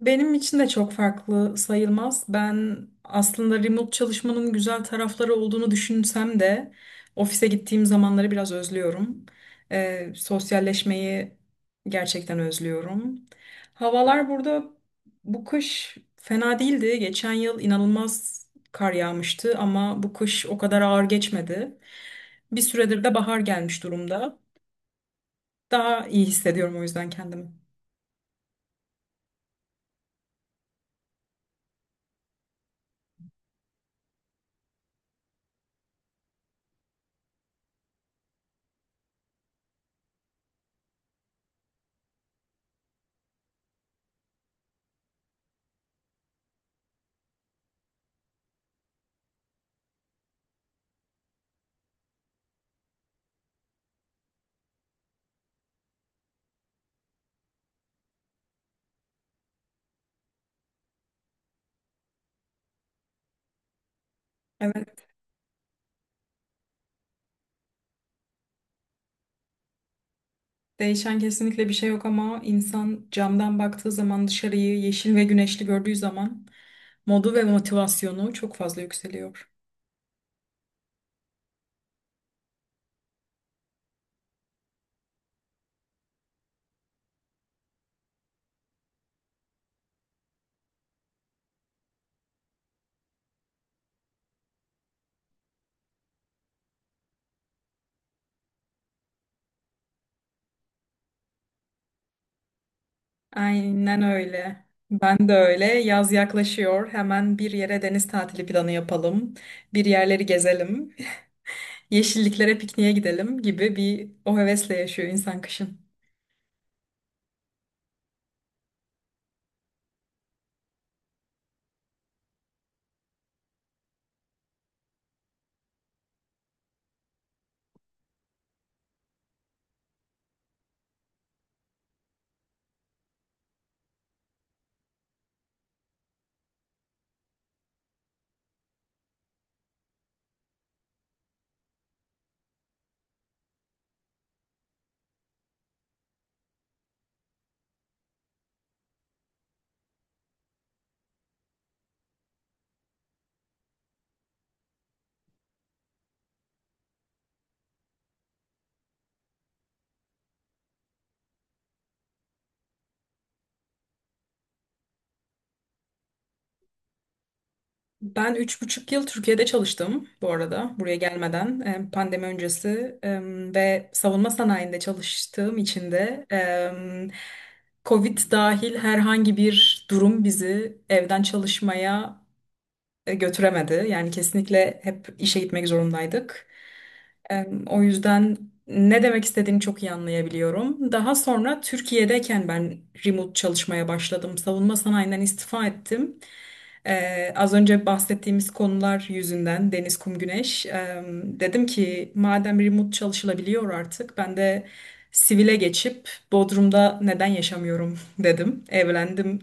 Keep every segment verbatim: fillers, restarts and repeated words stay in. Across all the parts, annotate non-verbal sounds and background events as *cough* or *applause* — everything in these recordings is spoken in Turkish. Benim için de çok farklı sayılmaz. Ben aslında remote çalışmanın güzel tarafları olduğunu düşünsem de ofise gittiğim zamanları biraz özlüyorum. Ee, sosyalleşmeyi gerçekten özlüyorum. Havalar burada bu kış fena değildi. Geçen yıl inanılmaz kar yağmıştı ama bu kış o kadar ağır geçmedi. Bir süredir de bahar gelmiş durumda. Daha iyi hissediyorum o yüzden kendimi. Evet. Değişen kesinlikle bir şey yok ama insan camdan baktığı zaman dışarıyı yeşil ve güneşli gördüğü zaman modu ve motivasyonu çok fazla yükseliyor. Aynen öyle. Ben de öyle. Yaz yaklaşıyor. Hemen bir yere deniz tatili planı yapalım. Bir yerleri gezelim. *laughs* Yeşilliklere pikniğe gidelim gibi bir o hevesle yaşıyor insan kışın. Ben üç buçuk yıl Türkiye'de çalıştım bu arada buraya gelmeden, Em, pandemi öncesi em, ve savunma sanayinde çalıştığım için de em, Covid dahil herhangi bir durum bizi evden çalışmaya e, götüremedi. Yani kesinlikle hep işe gitmek zorundaydık. Em, O yüzden ne demek istediğini çok iyi anlayabiliyorum. Daha sonra Türkiye'deyken ben remote çalışmaya başladım. Savunma sanayinden istifa ettim. Ee, az önce bahsettiğimiz konular yüzünden deniz, kum, güneş. Ee, dedim ki madem remote çalışılabiliyor artık ben de sivile geçip Bodrum'da neden yaşamıyorum *laughs* dedim. Evlendim.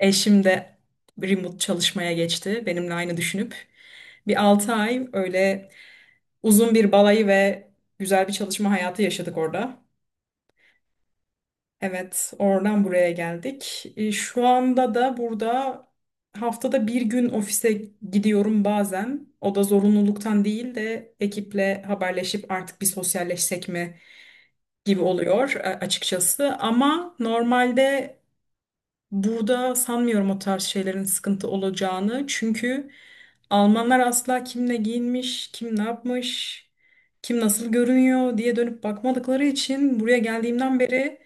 Eşim de remote çalışmaya geçti benimle aynı düşünüp. Bir altı ay öyle uzun bir balayı ve güzel bir çalışma hayatı yaşadık orada. Evet, oradan buraya geldik. E, Şu anda da burada haftada bir gün ofise gidiyorum bazen. O da zorunluluktan değil de ekiple haberleşip artık bir sosyalleşsek mi gibi oluyor e, açıkçası. Ama normalde burada sanmıyorum o tarz şeylerin sıkıntı olacağını. Çünkü Almanlar asla kim ne giyinmiş, kim ne yapmış, kim nasıl görünüyor diye dönüp bakmadıkları için buraya geldiğimden beri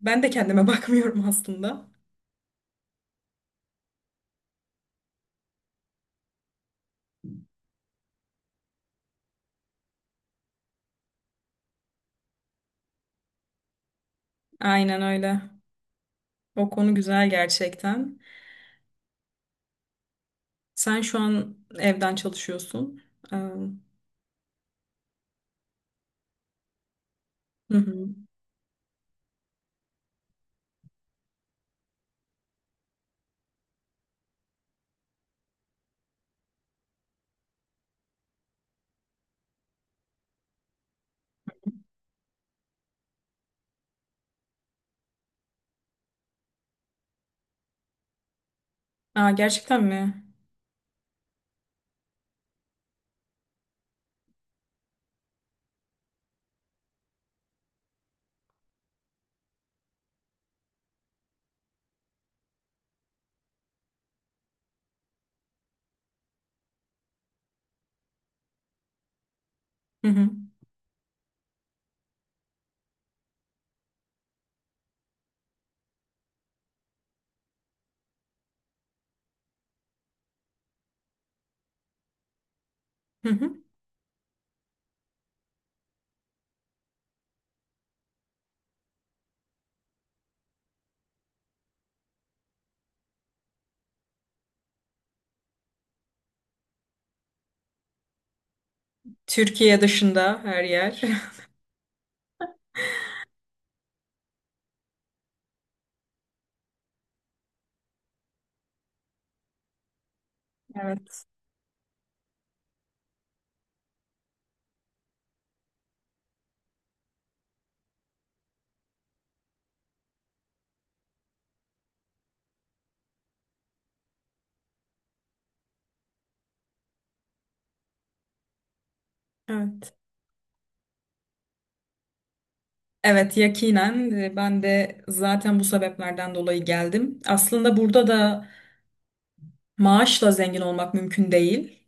ben de kendime *laughs* bakmıyorum aslında. Aynen öyle. O konu güzel gerçekten. Sen şu an evden çalışıyorsun. Ee, Hı hı. Aa, gerçekten mi? Hı hı. Hı hı. Türkiye dışında her yer. *laughs* Evet. Evet. Evet, yakinen e, ben de zaten bu sebeplerden dolayı geldim. Aslında burada da maaşla zengin olmak mümkün değil.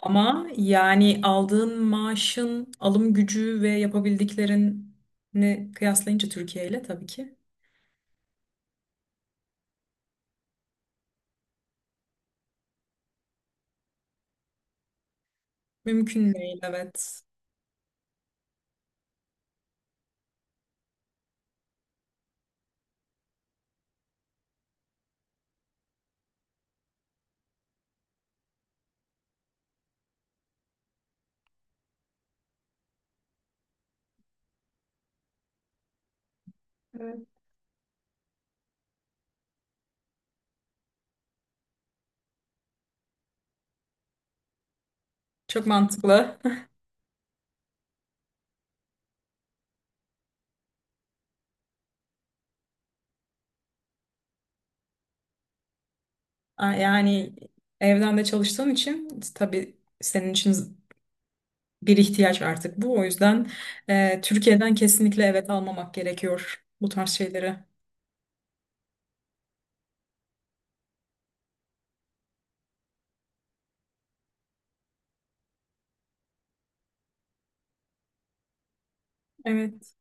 Ama yani aldığın maaşın alım gücü ve yapabildiklerini kıyaslayınca Türkiye ile tabii ki mümkün değil. Evet. Evet. Çok mantıklı. *laughs* A- Yani evden de çalıştığın için tabii senin için bir ihtiyaç artık bu. O yüzden e, Türkiye'den kesinlikle evet almamak gerekiyor bu tarz şeyleri. Evet.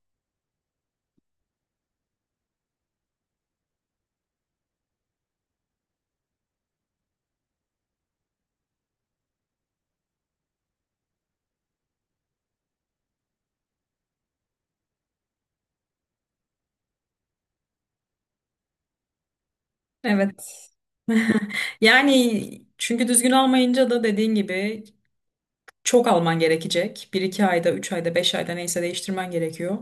Evet. *laughs* Yani çünkü düzgün almayınca da dediğin gibi çok alman gerekecek. Bir iki ayda, üç ayda, beş ayda neyse değiştirmen gerekiyor.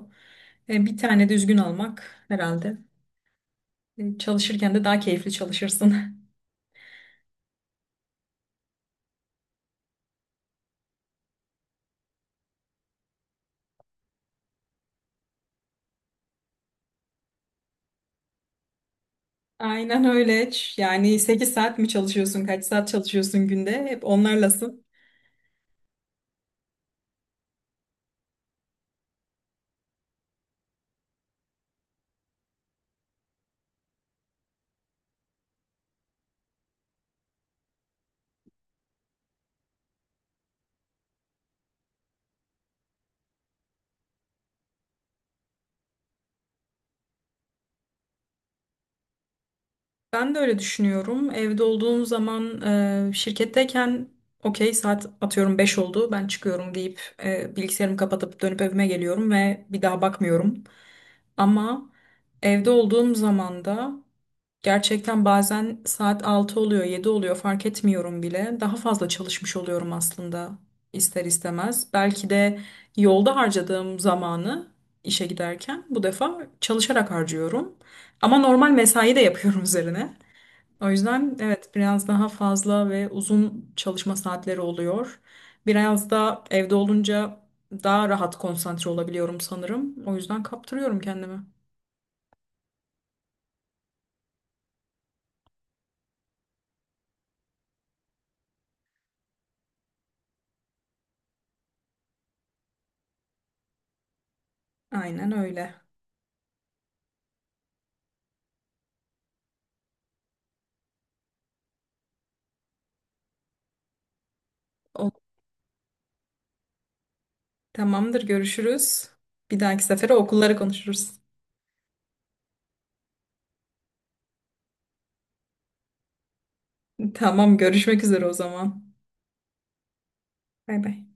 E, bir tane düzgün almak herhalde. E, çalışırken de daha keyifli çalışırsın. *laughs* Aynen öyle. Ç- Yani sekiz saat mi çalışıyorsun, kaç saat çalışıyorsun günde? Hep onlarlasın. Ben de öyle düşünüyorum. Evde olduğum zaman e, şirketteyken okey, saat atıyorum beş oldu, ben çıkıyorum deyip e, bilgisayarımı kapatıp dönüp evime geliyorum ve bir daha bakmıyorum. Ama evde olduğum zaman da gerçekten bazen saat altı oluyor, yedi oluyor, fark etmiyorum bile. Daha fazla çalışmış oluyorum aslında ister istemez. Belki de yolda harcadığım zamanı işe giderken bu defa çalışarak harcıyorum. Ama normal mesai de yapıyorum *laughs* üzerine. O yüzden evet, biraz daha fazla ve uzun çalışma saatleri oluyor. Biraz da evde olunca daha rahat konsantre olabiliyorum sanırım. O yüzden kaptırıyorum kendimi. Aynen öyle. O, tamamdır, görüşürüz. Bir dahaki sefere okulları konuşuruz. *laughs* Tamam, görüşmek üzere o zaman. Bay bay.